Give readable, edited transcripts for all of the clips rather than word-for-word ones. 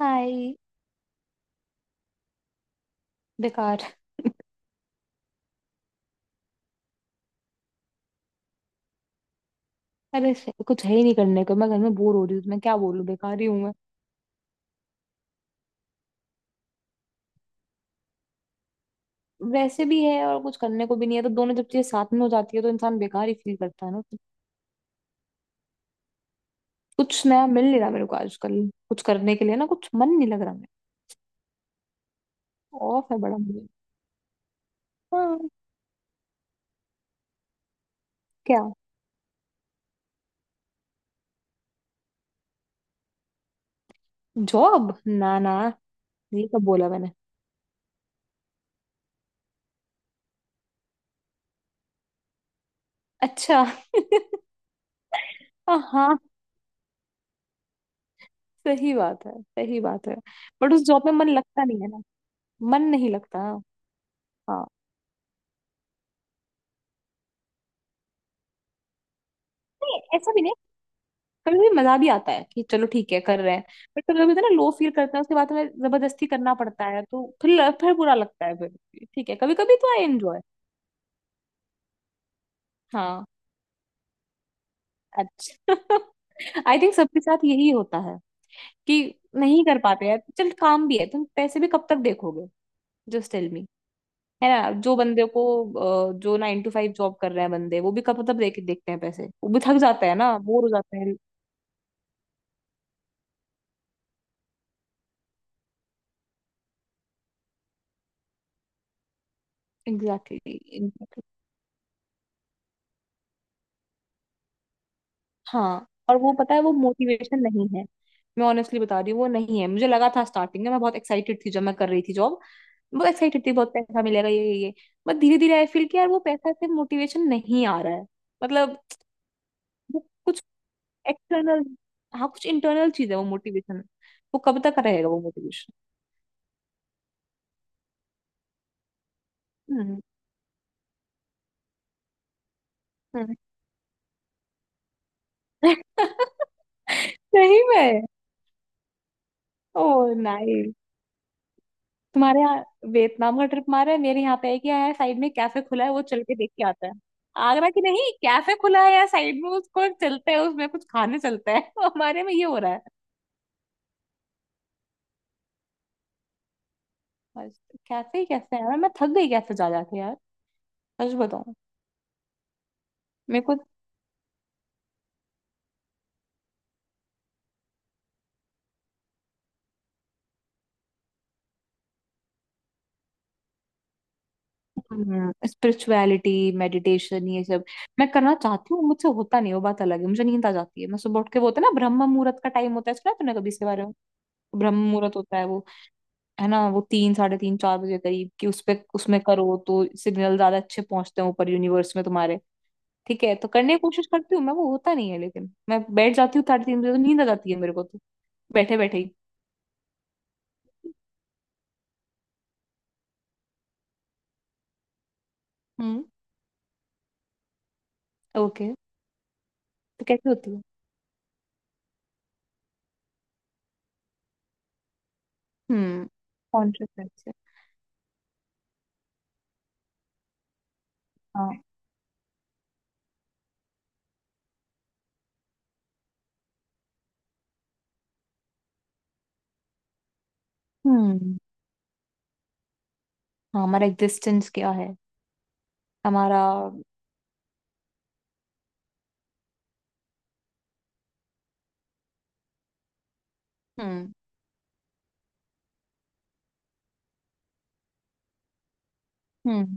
हाय। बेकार। अरे कुछ है ही नहीं करने को। मैं घर में बोर हो रही हूँ तो मैं क्या बोलूँ, बेकार ही हूँ मैं। वैसे भी है और कुछ करने को भी नहीं है, तो दोनों जब चीजें साथ में हो जाती है तो इंसान बेकार ही फील करता है ना, तो कुछ नया मिल नहीं रहा मेरे को आजकल। कुछ करने के लिए ना, कुछ मन नहीं लग रहा। मेरा ऑफ है बड़ा मुझे। हाँ। क्या? जॉब, ना ना। ये कब बोला मैंने? अच्छा। हाँ हाँ, सही बात है, सही बात है। बट उस जॉब में मन लगता नहीं है ना। मन नहीं लगता। हाँ, नहीं, ऐसा भी नहीं। कभी कभी मजा भी आता है कि चलो ठीक है कर रहे हैं। बट कभी कभी होता है ना, लो फील करते हैं, उसके बाद हमें जबरदस्ती करना पड़ता है तो फिर बुरा लगता है फिर। ठीक है, कभी कभी तो आई एंजॉय। हाँ। अच्छा। आई थिंक सबके साथ यही होता है कि नहीं कर पाते यार, चल, काम भी है, तुम पैसे भी कब तक देखोगे? जस्ट टेल मी, है ना? जो बंदे को, जो 9 टू 5 जॉब कर रहे हैं बंदे, वो भी कब तक देख देखते हैं पैसे? वो भी थक जाते हैं ना, बोर हो जाते हैं। Exactly, exactly, exactly। हाँ, और वो पता है, वो मोटिवेशन नहीं है। मैं ऑनेस्टली बता रही हूँ वो नहीं है। मुझे लगा था स्टार्टिंग में, मैं बहुत एक्साइटेड थी जब मैं कर रही थी जॉब। बहुत एक्साइटेड थी, बहुत पैसा मिलेगा, ये। बट धीरे धीरे आई फील कि यार वो पैसा से मोटिवेशन नहीं आ रहा है। मतलब वो कुछ एक्सटर्नल। हाँ, कुछ इंटरनल चीज है वो मोटिवेशन। वो कब तक रहेगा वो मोटिवेशन? हम्म हम्म। सही में। Oh, nice. तुम्हारे यहाँ वियतनाम का ट्रिप मारा है, मेरे यहाँ पे एक, यहाँ साइड में कैफे खुला है, वो चल के देख के आता है। आगरा की नहीं, कैफे खुला है यहाँ साइड में, उसको चलते हैं, उसमें कुछ खाने चलते हैं। हमारे में ये हो रहा है बस। कैफे ही कैफे है यार, मैं थक गई कैफे जा जाके यार, सच बताऊं। मेरे को स्पिरिचुअलिटी मेडिटेशन ये सब मैं करना चाहती हूँ, मुझसे होता नहीं, वो बात अलग है। मुझे नींद आ जाती है। मैं सुबह उठ के, वो होता है ना ब्रह्म मुहूर्त का टाइम होता है, सुना है तूने कभी इसके बारे में? ब्रह्म मुहूर्त होता है वो, है ना? वो तीन साढ़े तीन चार बजे करीब, कि उस पे, उसमें करो तो सिग्नल ज्यादा अच्छे पहुंचते हैं ऊपर यूनिवर्स में तुम्हारे। ठीक है, तो करने की कोशिश करती हूँ मैं, वो होता नहीं है। लेकिन मैं बैठ जाती हूँ 3:30 बजे तो नींद आ जाती है मेरे को तो, बैठे बैठे ही। हम्म। ओके, तो कैसे होती है? हम्म, कॉन्शियस से? हाँ। हम्म। हाँ, हमारा एग्जिस्टेंस क्या है, हमारा। हम्म हम्म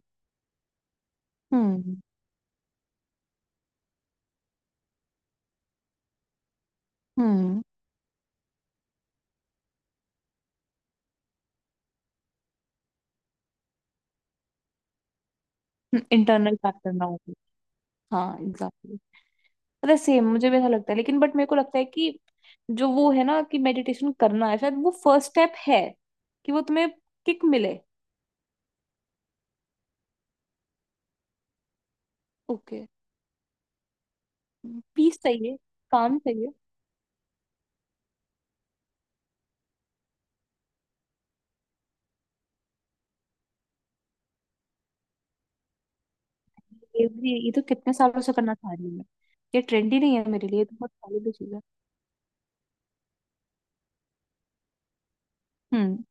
हम्म हम्म। इंटरनल फैक्टर ना हो तो। हाँ एग्जैक्टली। पता है सेम मुझे भी ऐसा लगता है, लेकिन बट मेरे को लगता है कि जो वो है ना कि मेडिटेशन करना है, शायद वो फर्स्ट स्टेप है, कि वो तुम्हें किक मिले। ओके। पीस चाहिए, काम चाहिए। ये भी, ये तो कितने सालों से करना चाह रही हूँ मैं। ये ट्रेंडी नहीं है मेरे लिए, ये तो बहुत पहले की चीज है। हम्म।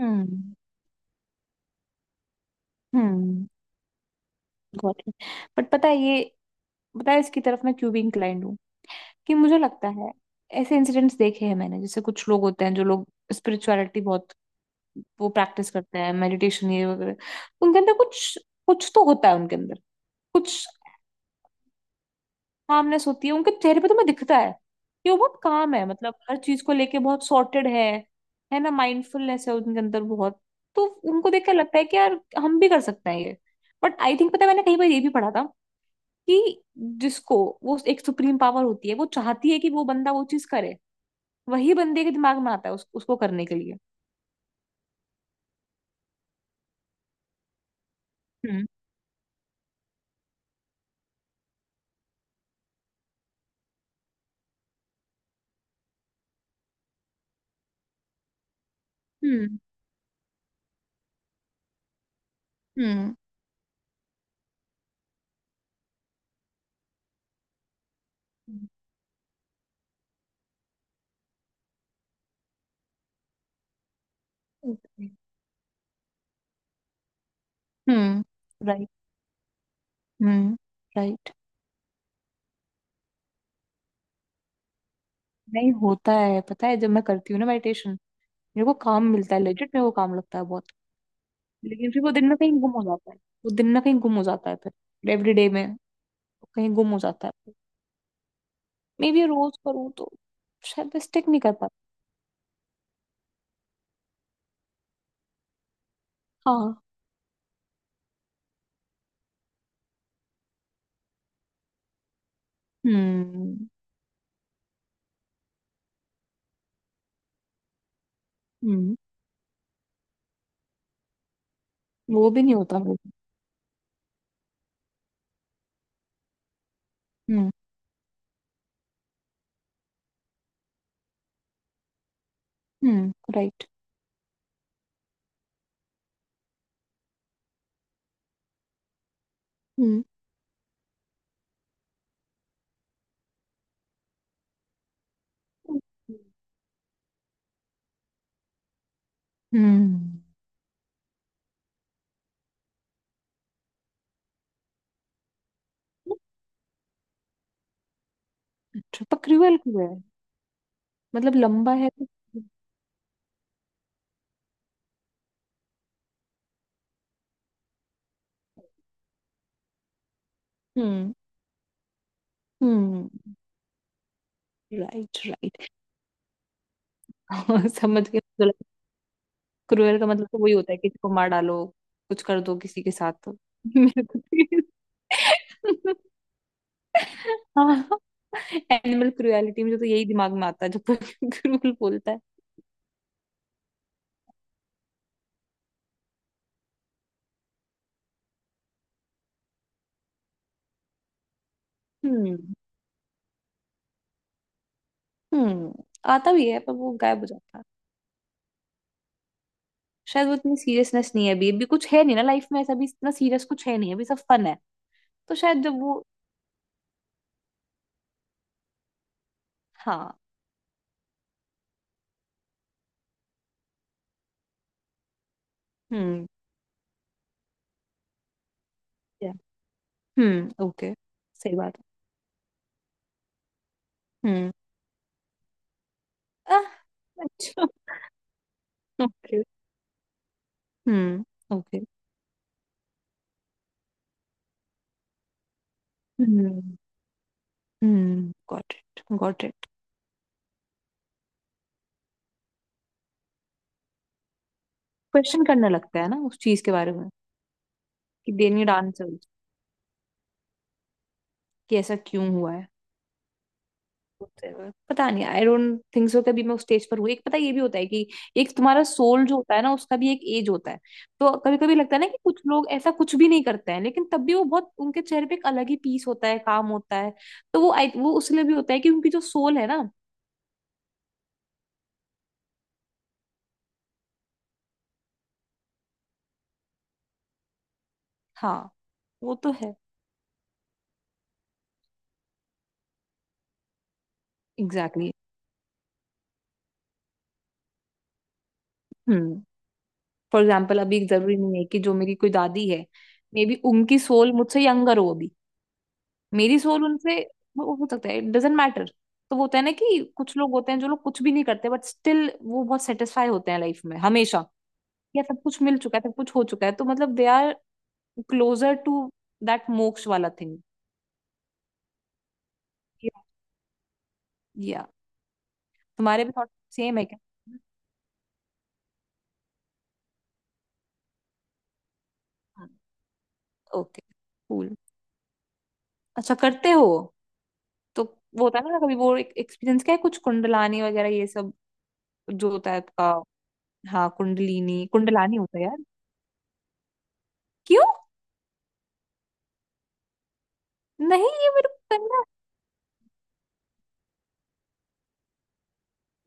हम्म हम्म गॉट इट। बट पता है ये, पता है इसकी तरफ मैं क्यों भी इंक्लाइंड हूँ, कि मुझे लगता है, ऐसे इंसिडेंट्स देखे हैं मैंने, जैसे कुछ लोग होते हैं, जो लोग स्पिरिचुअलिटी बहुत, वो प्रैक्टिस करते हैं मेडिटेशन ये वगैरह, उनके अंदर कुछ, कुछ तो होता है उनके अंदर, कुछ कामनेस होती है उनके चेहरे पे, तो मैं दिखता है कि वो बहुत काम है, मतलब हर चीज को लेके बहुत सॉर्टेड है ना? माइंडफुलनेस है उनके अंदर बहुत। तो उनको देख कर लगता है कि यार हम भी कर सकते हैं ये। बट आई थिंक पता है, मैंने कहीं पर ये भी पढ़ा था, कि जिसको, वो एक सुप्रीम पावर होती है, वो चाहती है कि वो बंदा वो चीज करे, वही बंदे के दिमाग में आता है उसको करने के लिए। हम्म हम्म हम्म हम्म। हम्म राइट। हम्म राइट। नहीं होता है, पता है जब मैं करती हूँ ना मेडिटेशन, मेरे को काम मिलता है, लेजिट मेरे को काम लगता है बहुत। लेकिन फिर वो दिन ना कहीं गुम हो जाता है, वो दिन ना कहीं गुम हो जाता है फिर एवरी डे में, कहीं गुम हो जाता है। मे बी रोज करूँ तो, शायद। मैं स्टिक नहीं कर पाती। हाँ। हम्म हम्म। वो भी नहीं होता मेरे से। हम्म। राइट। हम्म हम्म। अच्छा पक्रिवल क्यों है? मतलब लंबा है तो- हम्म। हम्म राइट राइट। समझ गई। क्रूअल का मतलब तो वही होता है, किसी को मार डालो, कुछ कर दो किसी के साथ। मेरे को, हाँ, एनिमल क्रुएलिटी मुझे तो यही दिमाग में आता है जब कोई क्रूअल बोलता है। हम्म। हम्म, आता भी है पर वो गायब हो जाता है। शायद वो इतनी सीरियसनेस नहीं है अभी, अभी कुछ है नहीं ना लाइफ में ऐसा भी, इतना सीरियस कुछ है नहीं अभी, सब फन है। तो शायद जब वो, हाँ। हम्म। Yeah, okay. सही बात है। हम्म। आह, अच्छा। Okay. Okay. Hmm got it got it. Question करने लगता है ना उस चीज के बारे में, कि दे नीड आंसर, कि ऐसा क्यों हुआ है। Whatever। पता नहीं, आई डोंट थिंक सो कभी मैं उस स्टेज पर हुई। एक पता ये भी होता है कि एक तुम्हारा सोल जो होता है ना, उसका भी एक एज होता है, तो कभी कभी लगता है ना कि कुछ लोग ऐसा कुछ भी नहीं करते हैं, लेकिन तब भी वो बहुत, उनके चेहरे पे एक अलग ही पीस होता है, काम होता है, तो वो उसलिए भी होता है कि उनकी जो सोल है ना। हाँ। वो तो है। Exactly exactly। हम्म। फॉर एग्जाम्पल अभी जरूरी नहीं है कि जो मेरी कोई दादी है, मे बी उनकी सोल मुझसे यंगर हो अभी, मेरी सोल उनसे, वो हो सकता है, इट डजेंट मैटर। तो वो होता है ना कि कुछ लोग होते हैं, जो लोग कुछ भी नहीं करते, बट स्टिल वो बहुत सेटिस्फाई होते हैं लाइफ में हमेशा, या सब कुछ मिल चुका है, सब कुछ हो चुका है, तो मतलब they are closer to that moksha वाला थिंग। या तुम्हारे भी थॉट सेम है क्या? ओके कूल, अच्छा करते हो। तो वो होता है ना कभी, वो एक एक्सपीरियंस क्या है, कुछ कुंडलानी वगैरह ये सब जो होता है। हाँ कुंडलिनी, कुंडलानी होता है यार। क्यों? नहीं, ये मेरे को करना,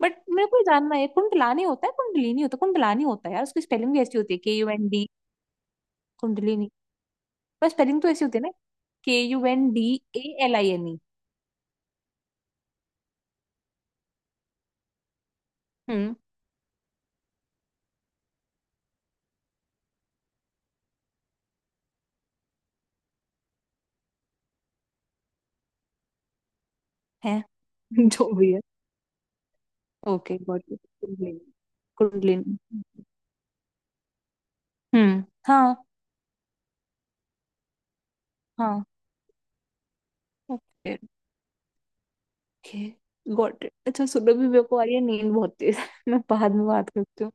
बट मेरे को ये जानना है, कुंडलानी होता है, कुंडलिनी होता है, कुंडलानी होता है यार, उसकी स्पेलिंग भी ऐसी होती है, KUND। कुंडलिनी पर स्पेलिंग तो ऐसी होती है ना, KUNDALINE। हम्म। है। जो भी है। Okay got it kundalini. Kundalini. हाँ। हाँ। Okay okay got it. अच्छा सुनो भी, मेरे को आ रही है नींद बहुत तेज। मैं बाद में बात करती हूँ।